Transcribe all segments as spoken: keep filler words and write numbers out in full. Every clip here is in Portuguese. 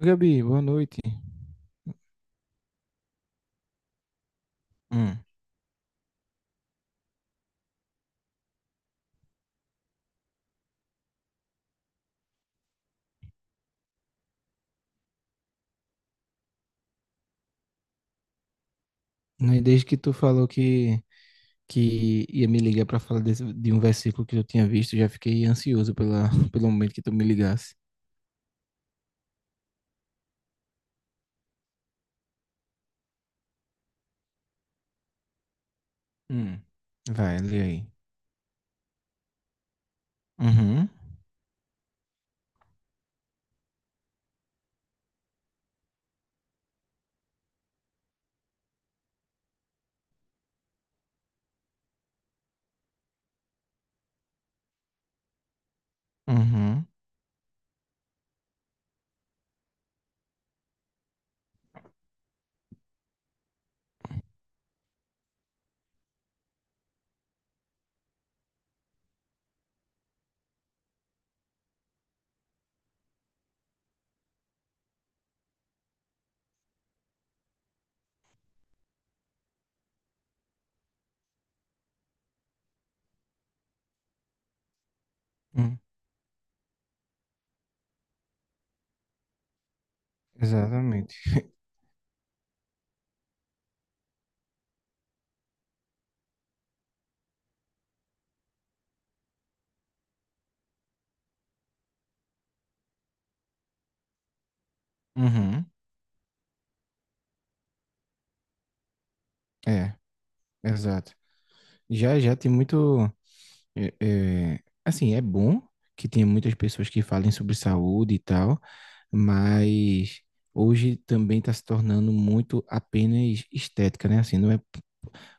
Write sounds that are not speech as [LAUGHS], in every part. Gabi, boa noite. Hum. Não é Desde que tu falou que, que ia me ligar para falar desse- de um versículo que eu tinha visto, já fiquei ansioso pela, [LAUGHS] pelo momento que tu me ligasse. Hum. Vai, lê aí. Uhum, uhum, hum. Exatamente. [LAUGHS] Uhum. É, exato. Já, já tem muito. é, é, assim, é bom que tenha muitas pessoas que falem sobre saúde e tal, mas hoje também está se tornando muito apenas estética, né? Assim, não é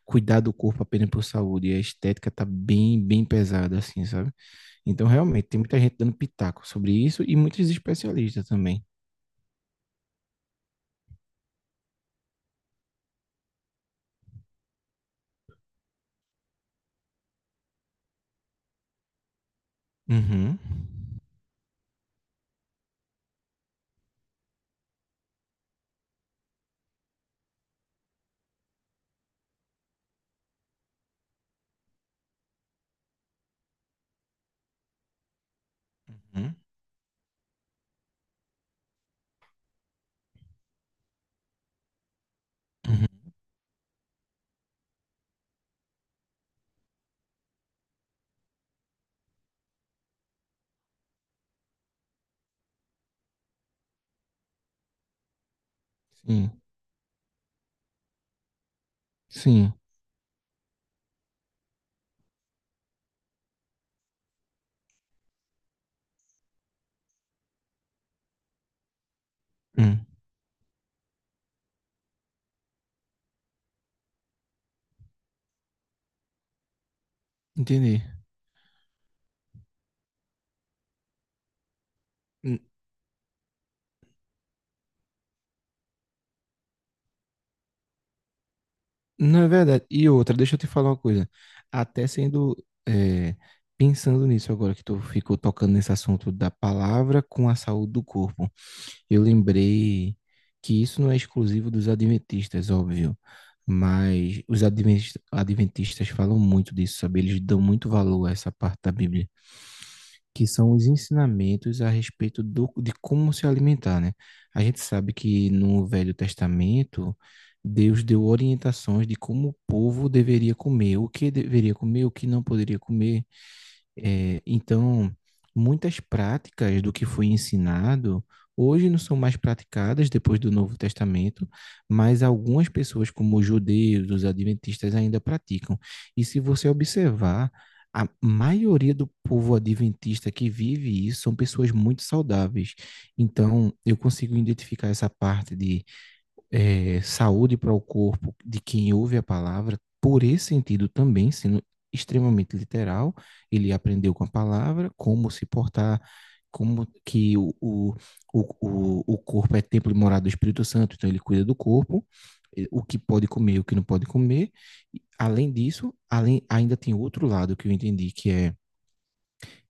cuidar do corpo apenas por saúde. E a estética tá bem, bem pesada, assim, sabe? Então, realmente, tem muita gente dando pitaco sobre isso e muitos especialistas também. Uhum. Uhum. Uhum. Sim, sim. Hum. Entendi. N- Não é verdade. E outra, deixa eu te falar uma coisa. Até sendo, é, Pensando nisso agora que tu ficou tocando nesse assunto da palavra com a saúde do corpo. Eu lembrei que isso não é exclusivo dos adventistas, óbvio, mas os adventis- adventistas falam muito disso, sabe? Eles dão muito valor a essa parte da Bíblia, que são os ensinamentos a respeito do, de como se alimentar, né? A gente sabe que no Velho Testamento, Deus deu orientações de como o povo deveria comer, o que deveria comer, o que não poderia comer. É, então, muitas práticas do que foi ensinado hoje não são mais praticadas depois do Novo Testamento, mas algumas pessoas, como os judeus, os adventistas, ainda praticam. E se você observar, a maioria do povo adventista que vive isso são pessoas muito saudáveis. Então, eu consigo identificar essa parte de é, saúde para o corpo de quem ouve a palavra, por esse sentido também, sendo extremamente literal, ele aprendeu com a palavra como se portar, como que o, o, o, o corpo é templo e morada do Espírito Santo, então ele cuida do corpo, o que pode comer, o que não pode comer. Além disso, além, ainda tem outro lado que eu entendi, que é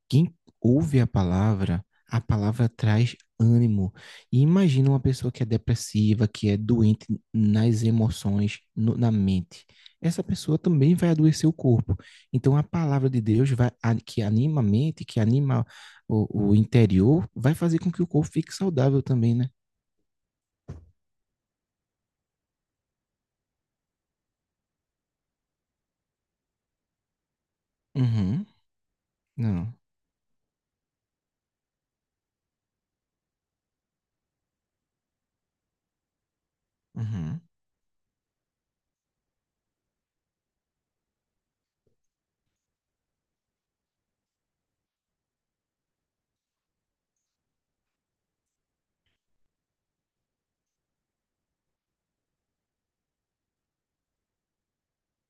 quem ouve a palavra, a palavra traz ânimo. E imagina uma pessoa que é depressiva, que é doente nas emoções, no- na mente. Essa pessoa também vai adoecer o corpo. Então, a palavra de Deus vai, a- que anima a mente, que anima o, o interior, vai fazer com que o corpo fique saudável também, né? Uhum. Não. Uhum.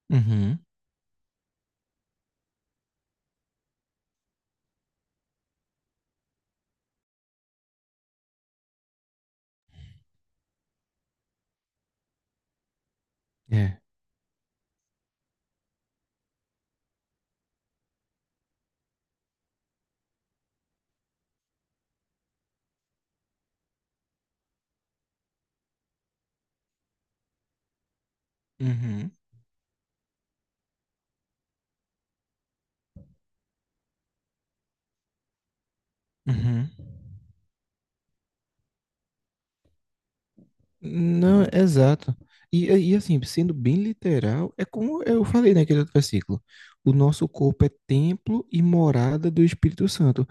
Uhum. É. Uhum. Uhum. Não, exato. E, e assim, sendo bem literal, é como eu falei naquele outro versículo. O nosso corpo é templo e morada do Espírito Santo,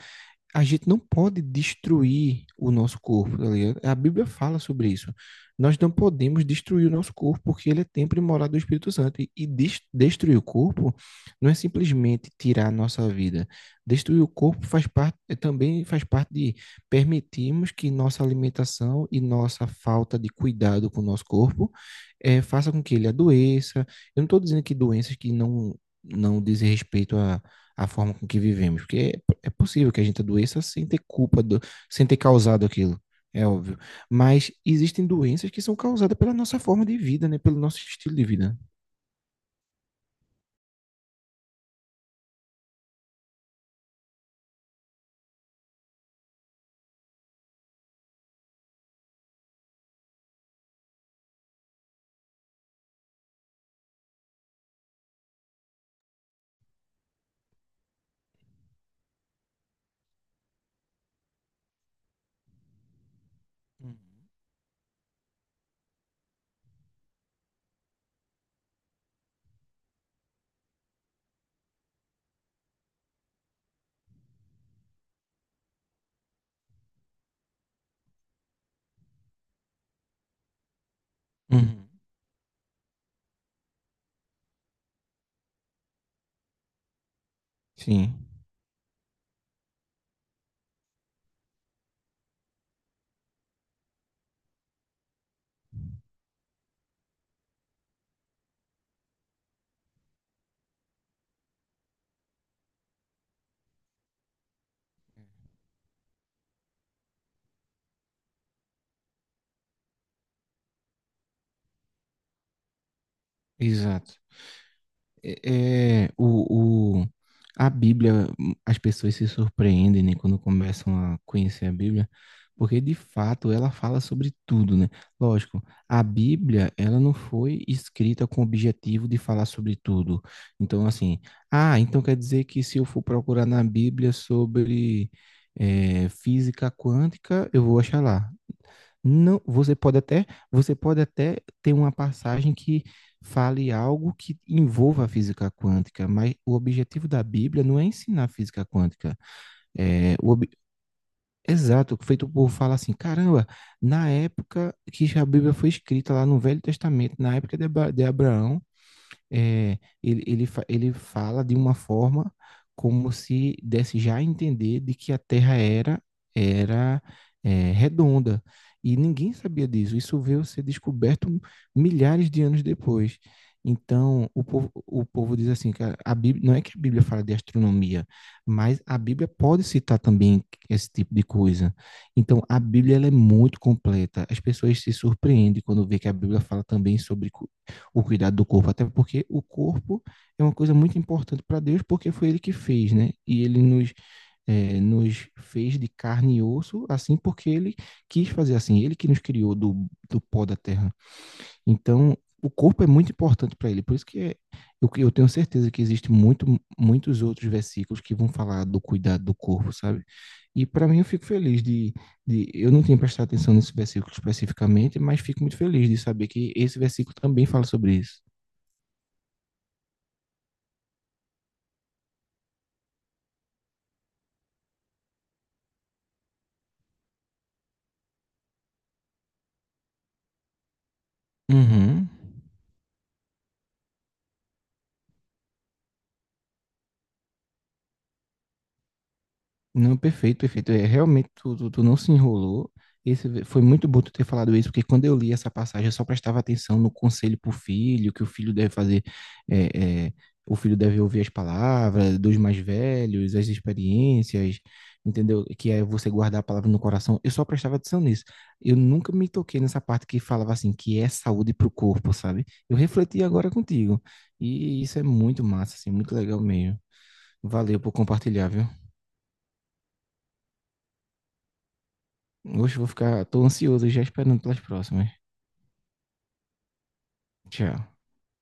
a gente não pode destruir o nosso corpo, tá ligado? A Bíblia fala sobre isso. Nós não podemos destruir o nosso corpo, porque ele é templo e morada do Espírito Santo. E, e des- destruir o corpo não é simplesmente tirar a nossa vida. Destruir o corpo faz parte, eh, também faz parte de permitirmos que nossa alimentação e nossa falta de cuidado com o nosso corpo eh, faça com que ele adoeça. Eu não estou dizendo que doenças que não, não dizem respeito a a forma com que vivemos, porque é, é possível que a gente adoeça sem ter culpa, do, sem ter causado aquilo, é óbvio. Mas existem doenças que são causadas pela nossa forma de vida, né? Pelo nosso estilo de vida. Uhum. Uhum. Sim, exato. é, é, o, o, a Bíblia, as pessoas se surpreendem, né, quando começam a conhecer a Bíblia, porque de fato ela fala sobre tudo, né? Lógico, a Bíblia, ela não foi escrita com o objetivo de falar sobre tudo. Então, assim, ah, então quer dizer que se eu for procurar na Bíblia sobre eh, física quântica, eu vou achar lá. Não, você pode até, você pode até ter uma passagem que fale algo que envolva a física quântica, mas o objetivo da Bíblia não é ensinar física quântica. É, o, ob- Exato, feito por falar assim, caramba, na época que a Bíblia foi escrita lá no Velho Testamento, na época de, Abra- de Abraão, é, ele, ele, fa- ele fala de uma forma como se desse já a entender de que a Terra era, era é, redonda. E ninguém sabia disso. Isso veio a ser descoberto milhares de anos depois. Então, o povo, o povo diz assim, cara, a a Bíblia, não é que a Bíblia fala de astronomia, mas a Bíblia pode citar também esse tipo de coisa. Então, a Bíblia ela é muito completa. As pessoas se surpreendem quando vê que a Bíblia fala também sobre o cuidado do corpo, até porque o corpo é uma coisa muito importante para Deus, porque foi Ele que fez, né? E Ele nos, é, nos fez de carne e osso, assim, porque Ele quis fazer assim, Ele que nos criou do, do pó da terra. Então, o corpo é muito importante para ele, por isso que é, eu, eu tenho certeza que existem muito, muitos outros versículos que vão falar do cuidado do corpo, sabe? E para mim eu fico feliz de, de, eu não tinha prestado atenção nesse versículo especificamente, mas fico muito feliz de saber que esse versículo também fala sobre isso. Uhum. Não, perfeito, perfeito. É, realmente, tu, tu, tu não se enrolou. Esse, foi muito bom tu ter falado isso, porque quando eu li essa passagem, eu só prestava atenção no conselho para o filho, que o filho deve fazer, é, é, o filho deve ouvir as palavras dos mais velhos, as experiências, entendeu? Que é você guardar a palavra no coração. Eu só prestava atenção nisso. Eu nunca me toquei nessa parte que falava assim, que é saúde para o corpo, sabe? Eu refleti agora contigo. E isso é muito massa, assim, muito legal mesmo. Valeu por compartilhar, viu? Hoje vou ficar, tô ansioso já esperando pelas próximas. Tchau.